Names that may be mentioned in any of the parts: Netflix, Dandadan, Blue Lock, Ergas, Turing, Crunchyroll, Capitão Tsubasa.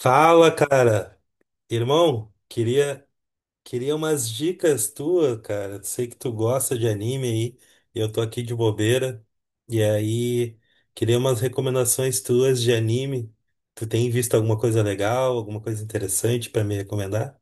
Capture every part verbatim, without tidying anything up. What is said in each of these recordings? Fala, cara. Irmão, queria queria umas dicas tuas, cara. Sei que tu gosta de anime aí. e Eu tô aqui de bobeira. E aí, queria umas recomendações tuas de anime. Tu tem visto alguma coisa legal, alguma coisa interessante pra me recomendar?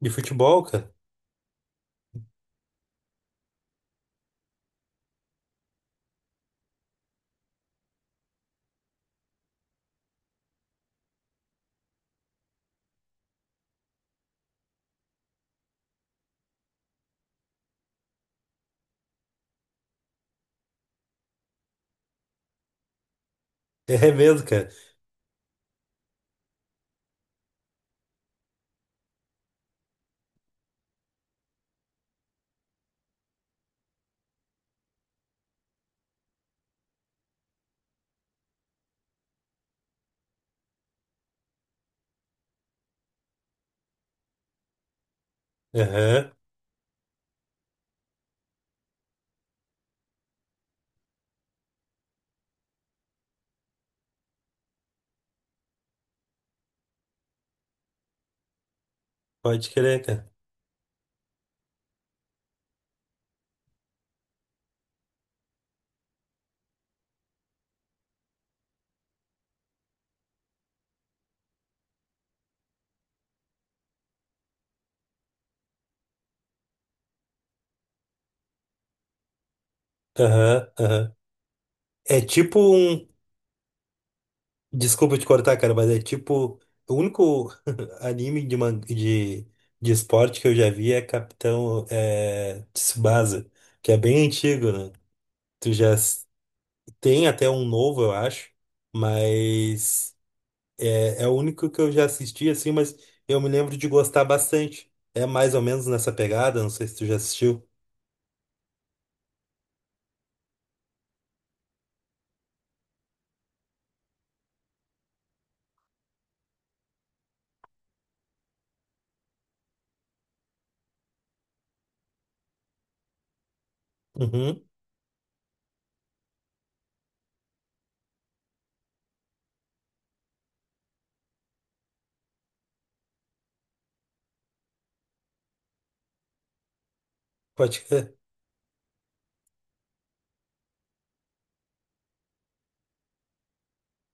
De futebol, cara? É mesmo, cara. Aham, pode crer, cara. Aham, aham. É tipo um. Desculpa te cortar, cara, mas é tipo, o único anime de, man- de, de esporte que eu já vi é Capitão é, Tsubasa, que é bem antigo, né? Tu já s- Tem até um novo, eu acho, mas é, é o único que eu já assisti, assim, mas eu me lembro de gostar bastante. É mais ou menos nessa pegada, não sei se tu já assistiu. Uhum, pode crer.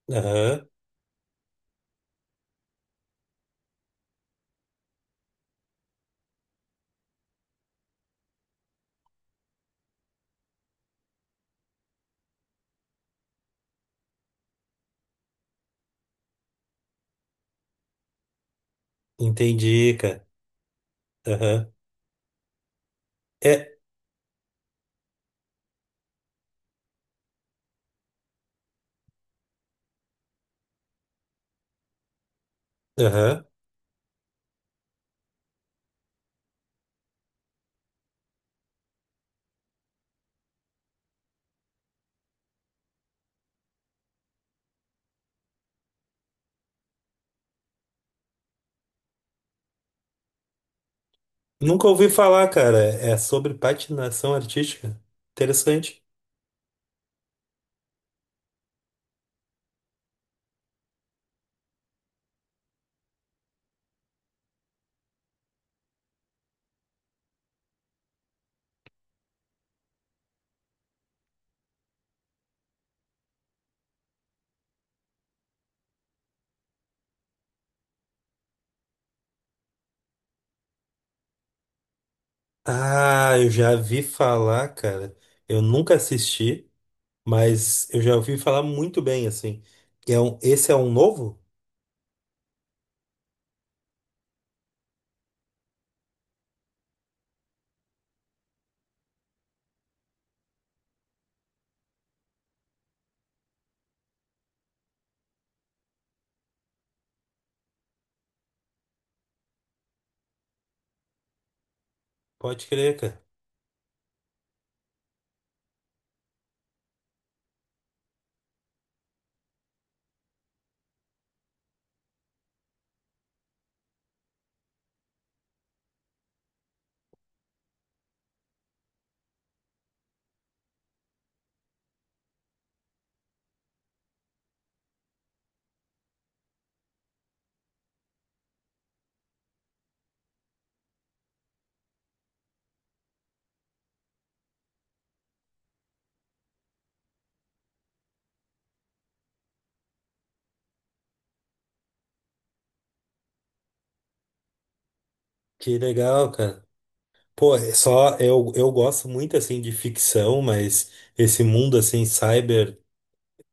Aham, entendi, cara. Aham. É, aham. Nunca ouvi falar, cara. É sobre patinação artística? Interessante. Ah, eu já vi falar, cara. Eu nunca assisti, mas eu já ouvi falar muito bem, assim. E É um, esse é um novo? Pode crer, cara. Que legal, cara. Pô, é só eu, eu gosto muito, assim, de ficção, mas esse mundo, assim, cyber.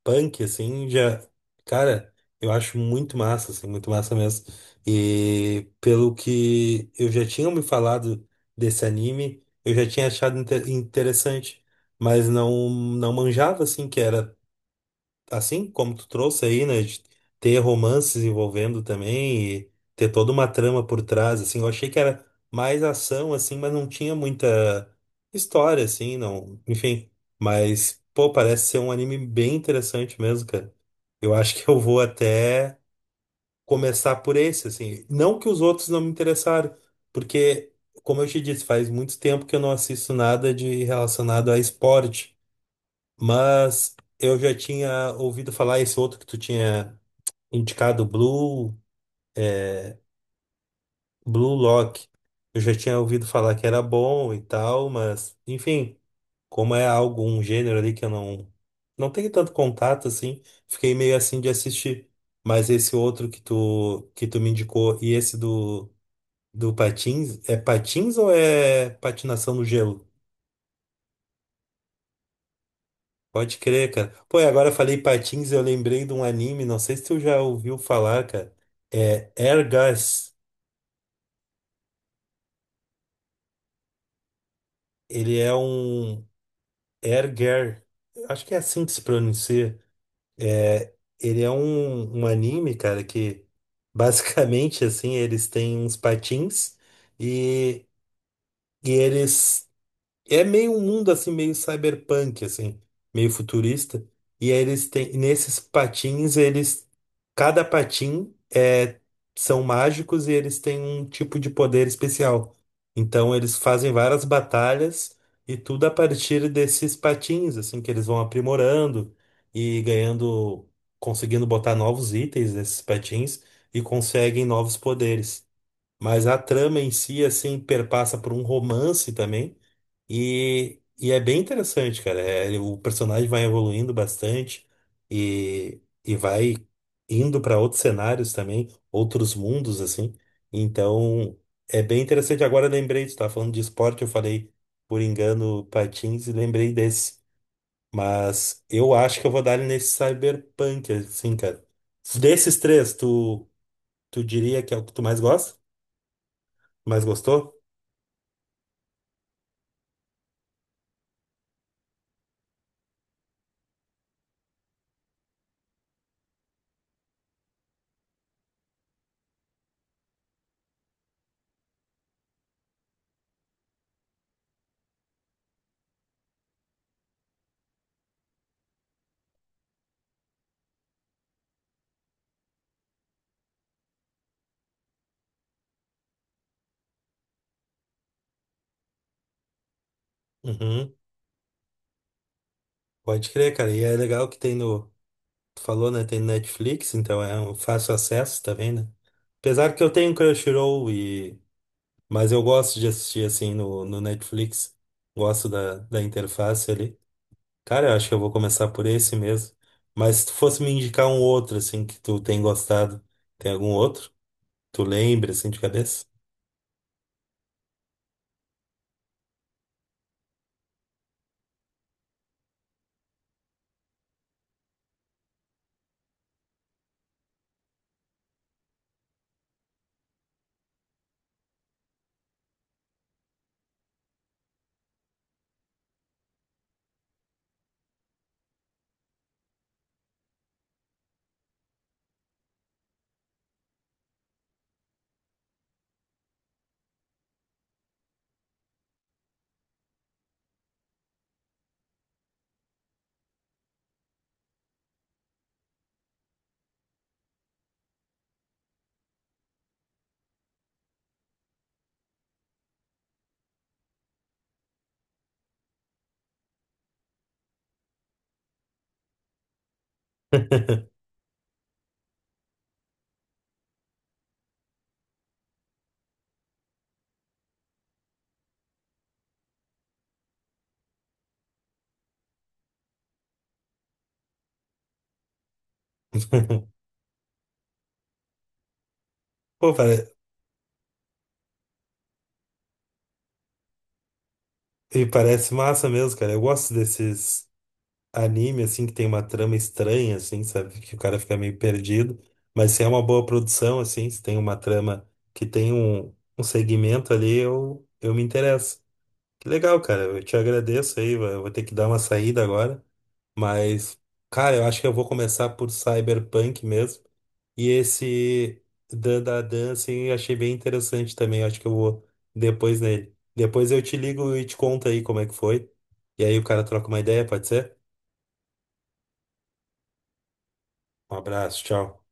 Punk, assim, já. Cara, eu acho muito massa, assim, muito massa mesmo. E pelo que eu já tinha me falado desse anime, eu já tinha achado inte- interessante, mas não, não manjava, assim, que era assim como tu trouxe aí, né, de ter romances envolvendo também e ter toda uma trama por trás, assim, eu achei que era mais ação, assim, mas não tinha muita história, assim, não, enfim, mas, pô, parece ser um anime bem interessante mesmo, cara. Eu acho que eu vou até começar por esse, assim, não que os outros não me interessaram, porque, como eu te disse, faz muito tempo que eu não assisto nada de relacionado a esporte, mas eu já tinha ouvido falar esse outro que tu tinha indicado, Blue, é, Blue Lock. Eu já tinha ouvido falar que era bom e tal, mas enfim, como é algo, um gênero ali que eu não não tenho tanto contato assim, fiquei meio assim de assistir. Mas esse outro que tu que tu me indicou e esse do do patins, é patins ou é patinação no gelo? Pode crer, cara. Pô, e agora eu falei patins, eu lembrei de um anime, não sei se tu já ouviu falar, cara. É Ergas. Ele é um. Erger. Acho que é assim que se pronuncia. É, ele é um, um anime, cara, que basicamente assim, eles têm uns patins e, e eles. É meio um mundo assim, meio cyberpunk, assim, meio futurista. E aí eles têm, nesses patins, eles, cada patim é, são mágicos e eles têm um tipo de poder especial. Então eles fazem várias batalhas e tudo a partir desses patins, assim, que eles vão aprimorando e ganhando, conseguindo botar novos itens nesses patins e conseguem novos poderes. Mas a trama em si, assim, perpassa por um romance também. E, e é bem interessante, cara. É, o personagem vai evoluindo bastante e, e vai indo para outros cenários também, outros mundos, assim. Então, é bem interessante. Agora eu lembrei, tu estava falando de esporte, eu falei, por engano, patins e lembrei desse. Mas eu acho que eu vou dar ele nesse Cyberpunk, assim, cara. Desses três, tu, tu diria que é o que tu mais gosta? Mais gostou? Uhum. Pode crer, cara. E é legal que tem no. Tu falou, né? Tem no Netflix, então é um fácil acesso também, né? Apesar que eu tenho Crunchyroll e. Mas eu gosto de assistir assim no, no Netflix. Gosto da, da interface ali. Cara, eu acho que eu vou começar por esse mesmo. Mas se tu fosse me indicar um outro, assim, que tu tem gostado, tem algum outro? Tu lembra, assim, de cabeça? Pô, pare... e parece massa mesmo, cara. Eu gosto desses anime, assim, que tem uma trama estranha, assim, sabe? Que o cara fica meio perdido. Mas se é uma boa produção, assim, se tem uma trama que tem um, um segmento ali, eu, eu me interesso. Que legal, cara. Eu te agradeço aí. vai- Eu vou ter que dar uma saída agora. Mas, cara, eu acho que eu vou começar por Cyberpunk mesmo. E esse Dan da Dan, assim, eu achei bem interessante também. Eu acho que eu vou depois nele. Depois eu te ligo e te conto aí como é que foi. E aí o cara troca uma ideia, pode ser? Um abraço, tchau.